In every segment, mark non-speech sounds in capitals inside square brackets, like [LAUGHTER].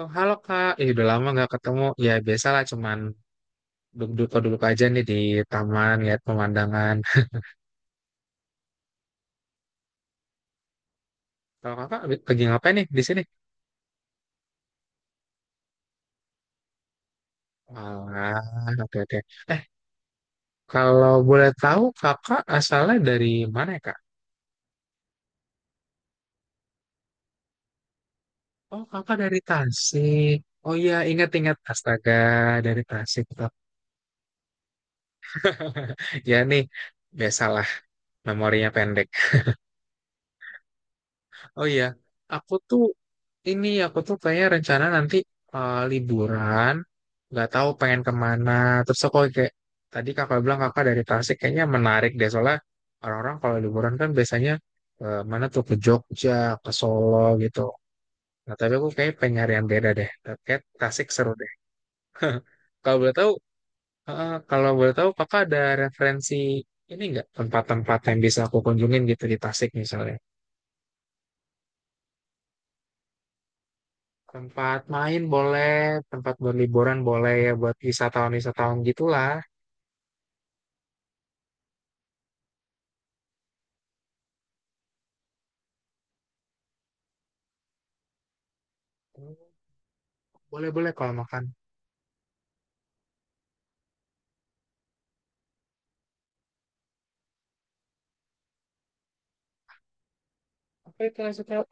Oh, halo Kak, udah lama nggak ketemu. Ya biasalah cuman duduk-duduk aja nih di taman lihat pemandangan. Kalau Kakak lagi ngapain nih di sini? Wah, oke oke. Eh, Kalau boleh tahu Kakak asalnya dari mana ya Kak? Oh, Kakak dari Tasik. Oh iya, ingat-ingat. Astaga, dari Tasik. Kak. [LAUGHS] Ya nih, biasalah memorinya pendek. Oh iya, aku tuh ini aku tuh kayaknya rencana nanti liburan, nggak tahu pengen kemana. Terus aku kayak tadi kakak bilang kakak dari Tasik kayaknya menarik deh soalnya orang-orang kalau liburan kan biasanya mana tuh ke Jogja, ke Solo gitu. Nah tapi aku kayak pengen nyari yang beda deh. Kayak Tasik seru deh. [LAUGHS] Kalau boleh tahu, kalau boleh tahu kakak ada referensi ini nggak tempat-tempat yang bisa aku kunjungin gitu di Tasik misalnya? Tempat main boleh, tempat buat liburan boleh ya buat wisatawan-wisatawan gitulah. Boleh boleh kalau makan. Apa itu nasi tahu?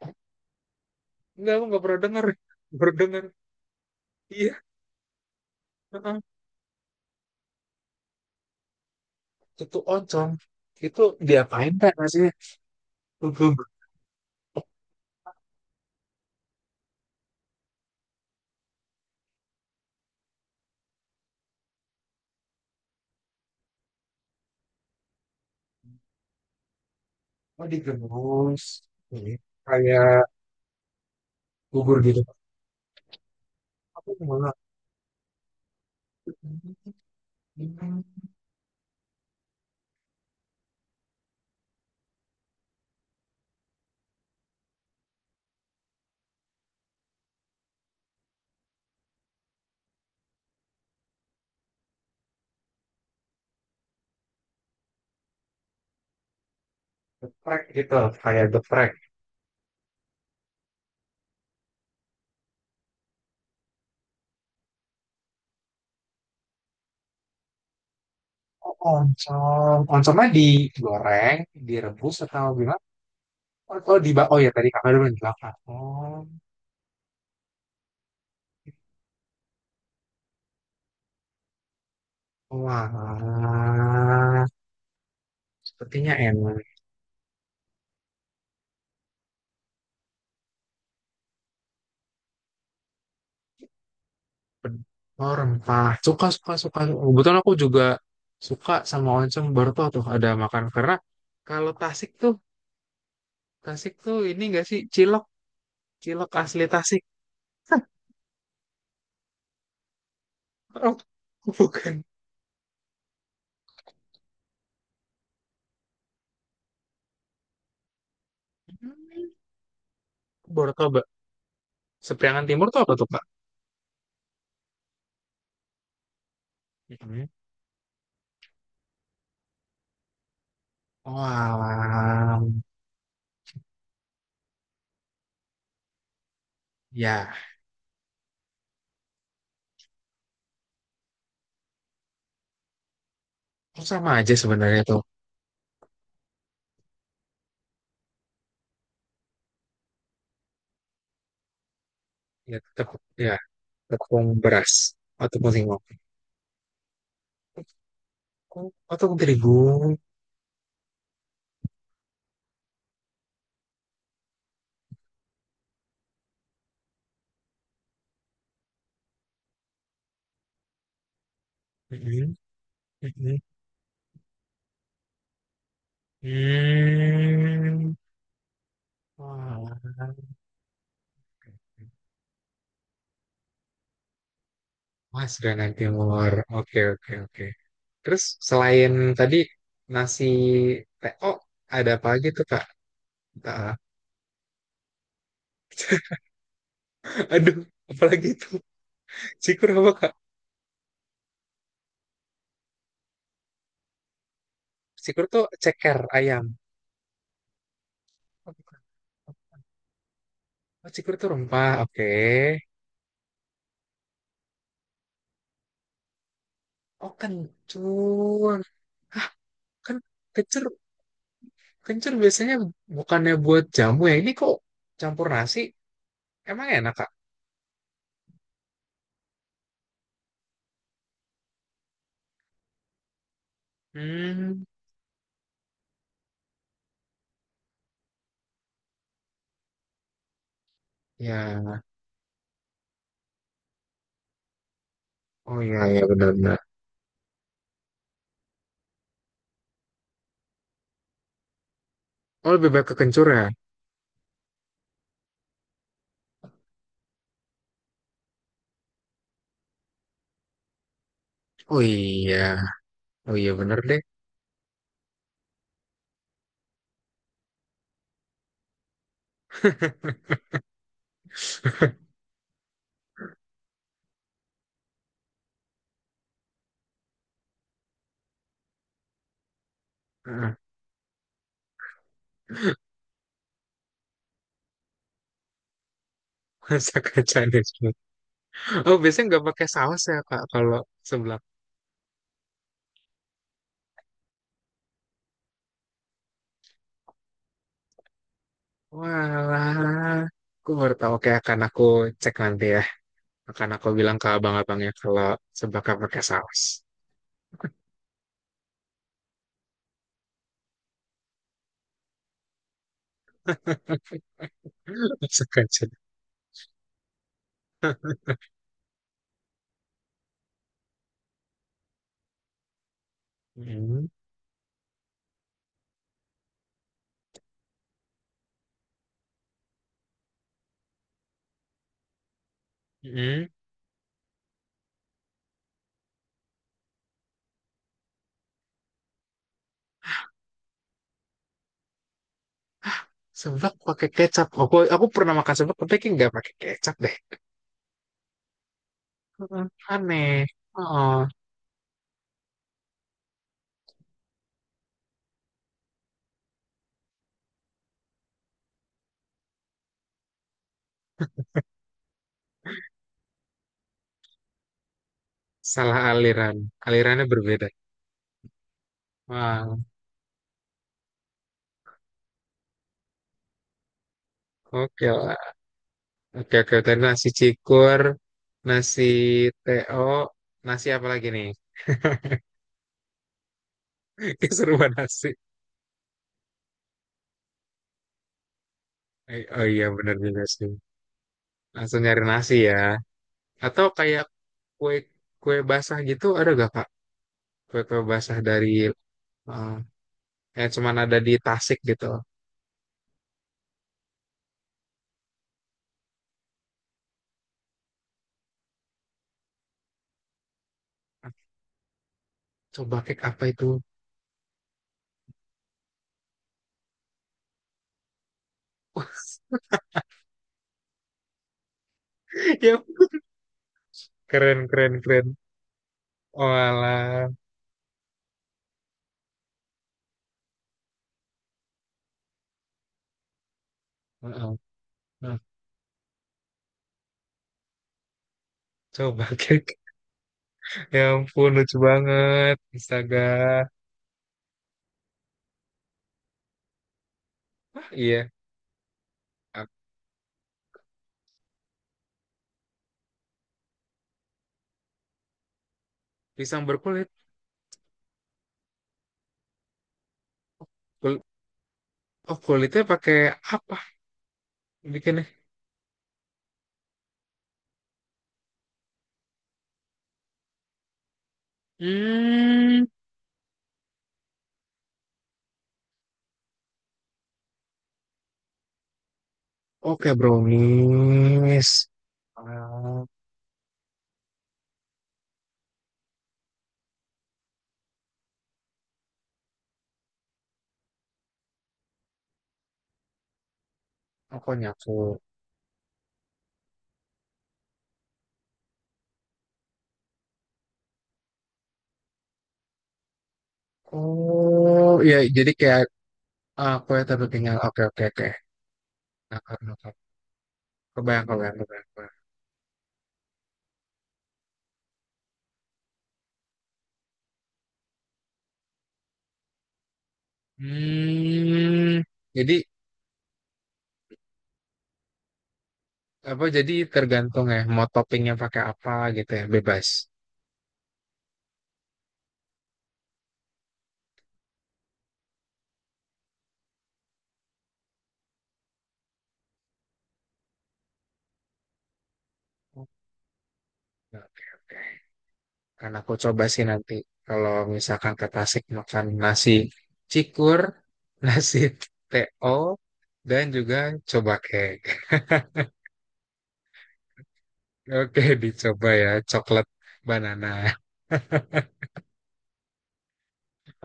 Enggak, aku nggak pernah dengar. [LAUGHS] Baru dengar. Iya, heeh. Itu oncom. Itu diapain Kak nasinya? Gugur. Oh, digemus. Ini kayak gugur gitu. Aku malah hmm, geprek gitu, kayak geprek. Oh, oncom. Oncomnya digoreng, direbus atau gimana? Oh, oh, di oh ya tadi kakak udah bilang dibakar. Oh, wah, sepertinya enak. Oh, rempah. Suka, suka, suka. Kebetulan aku juga suka sama oncom baru tuh ada makan. Karena kalau Tasik tuh ini gak sih cilok, cilok asli Tasik. [LAUGHS] Oh, bukan. Baru Mbak. Sepriangan Timur tuh apa tuh, Pak? Mhm. Wah, ya. Oh, sama aja sebenarnya tuh. Ya, tepung beras. Atau tepung singkong. Oh, tepung terigu. Mhm. Mhm. Hmm. Wah, Mas Granat Timur. Oke, oke, oke. Terus selain tadi nasi TO, ada apa lagi tuh, Kak? Ah, [LAUGHS] aduh, apalagi itu? Cikur apa, Kak? Cikur tuh ceker ayam. Oh, bukan. Oh, cikur tuh rempah. Oke. Oh, kencur. Hah, kan kencur. Kencur biasanya bukannya buat jamu ya. Ini kok campur nasi? Emang enak, Kak? Hmm. Ya, oh iya, iya benar-benar. Oh lebih baik ke kencur ya? Oh iya, oh iya benar deh. [LAUGHS] Masak Chinese food. Oh biasanya nggak pakai saus ya Kak kalau seblak. Walah, aku baru tahu. Oke, akan aku cek nanti ya. Akan aku bilang ke abang-abangnya kalau seblaknya pakai saus. [LAUGHS] Masak Chinese. Hmm. Hmm. Seblak pakai kecap. Aku pernah makan seblak tapi kayak nggak pakai kecap deh. Heeh, aneh. Oh. Salah aliran. Alirannya berbeda. Wah, oke lah. Oke, oke. Tadi nasi cikur, nasi teo, nasi apa lagi nih? [LAUGHS] Keseruan nasi. Oh iya, bener juga sih. Langsung nyari nasi ya. Atau kayak kue kue basah gitu ada gak, Kak? Kue-kue basah dari eh, yang cuman ada di Tasik gitu. Coba kek apa itu? [LAUGHS] Yap, keren, keren, keren. Walah. Heeh. Nah, coba kek. Ya ampun, lucu banget. Astaga. Ah, iya, ah, pisang berkulit. Kul- oh, kulitnya pakai apa bikinnya? Hmm, oke brownies. Ah, aku nyaku. Oh, iya, jadi kayak ah, kue tapi kenyal. Oke, oke, oke. Nakar, nakar. Kebayang, kebayang, kebayang, kebayang. Hmm, jadi apa? Jadi tergantung ya, mau toppingnya pakai apa gitu ya, bebas. Oke, oke. Akan aku coba sih nanti kalau misalkan ke Tasik makan nasi cikur, [LAUGHS] nasi TO, dan juga coba kek. [LAUGHS] Oke, dicoba ya coklat banana.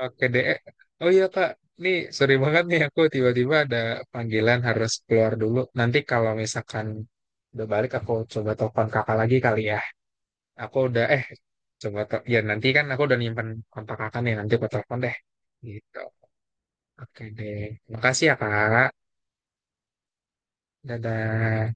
Oke deh. Oh iya Kak, nih sorry banget nih aku tiba-tiba ada panggilan harus keluar dulu. Nanti kalau misalkan udah balik aku coba telepon kakak lagi kali ya. Aku udah eh coba tel- ya nanti kan aku udah nyimpen kontak kakak nih nanti aku telepon deh. Gitu. Oke deh. Makasih ya, Kak. Dadah.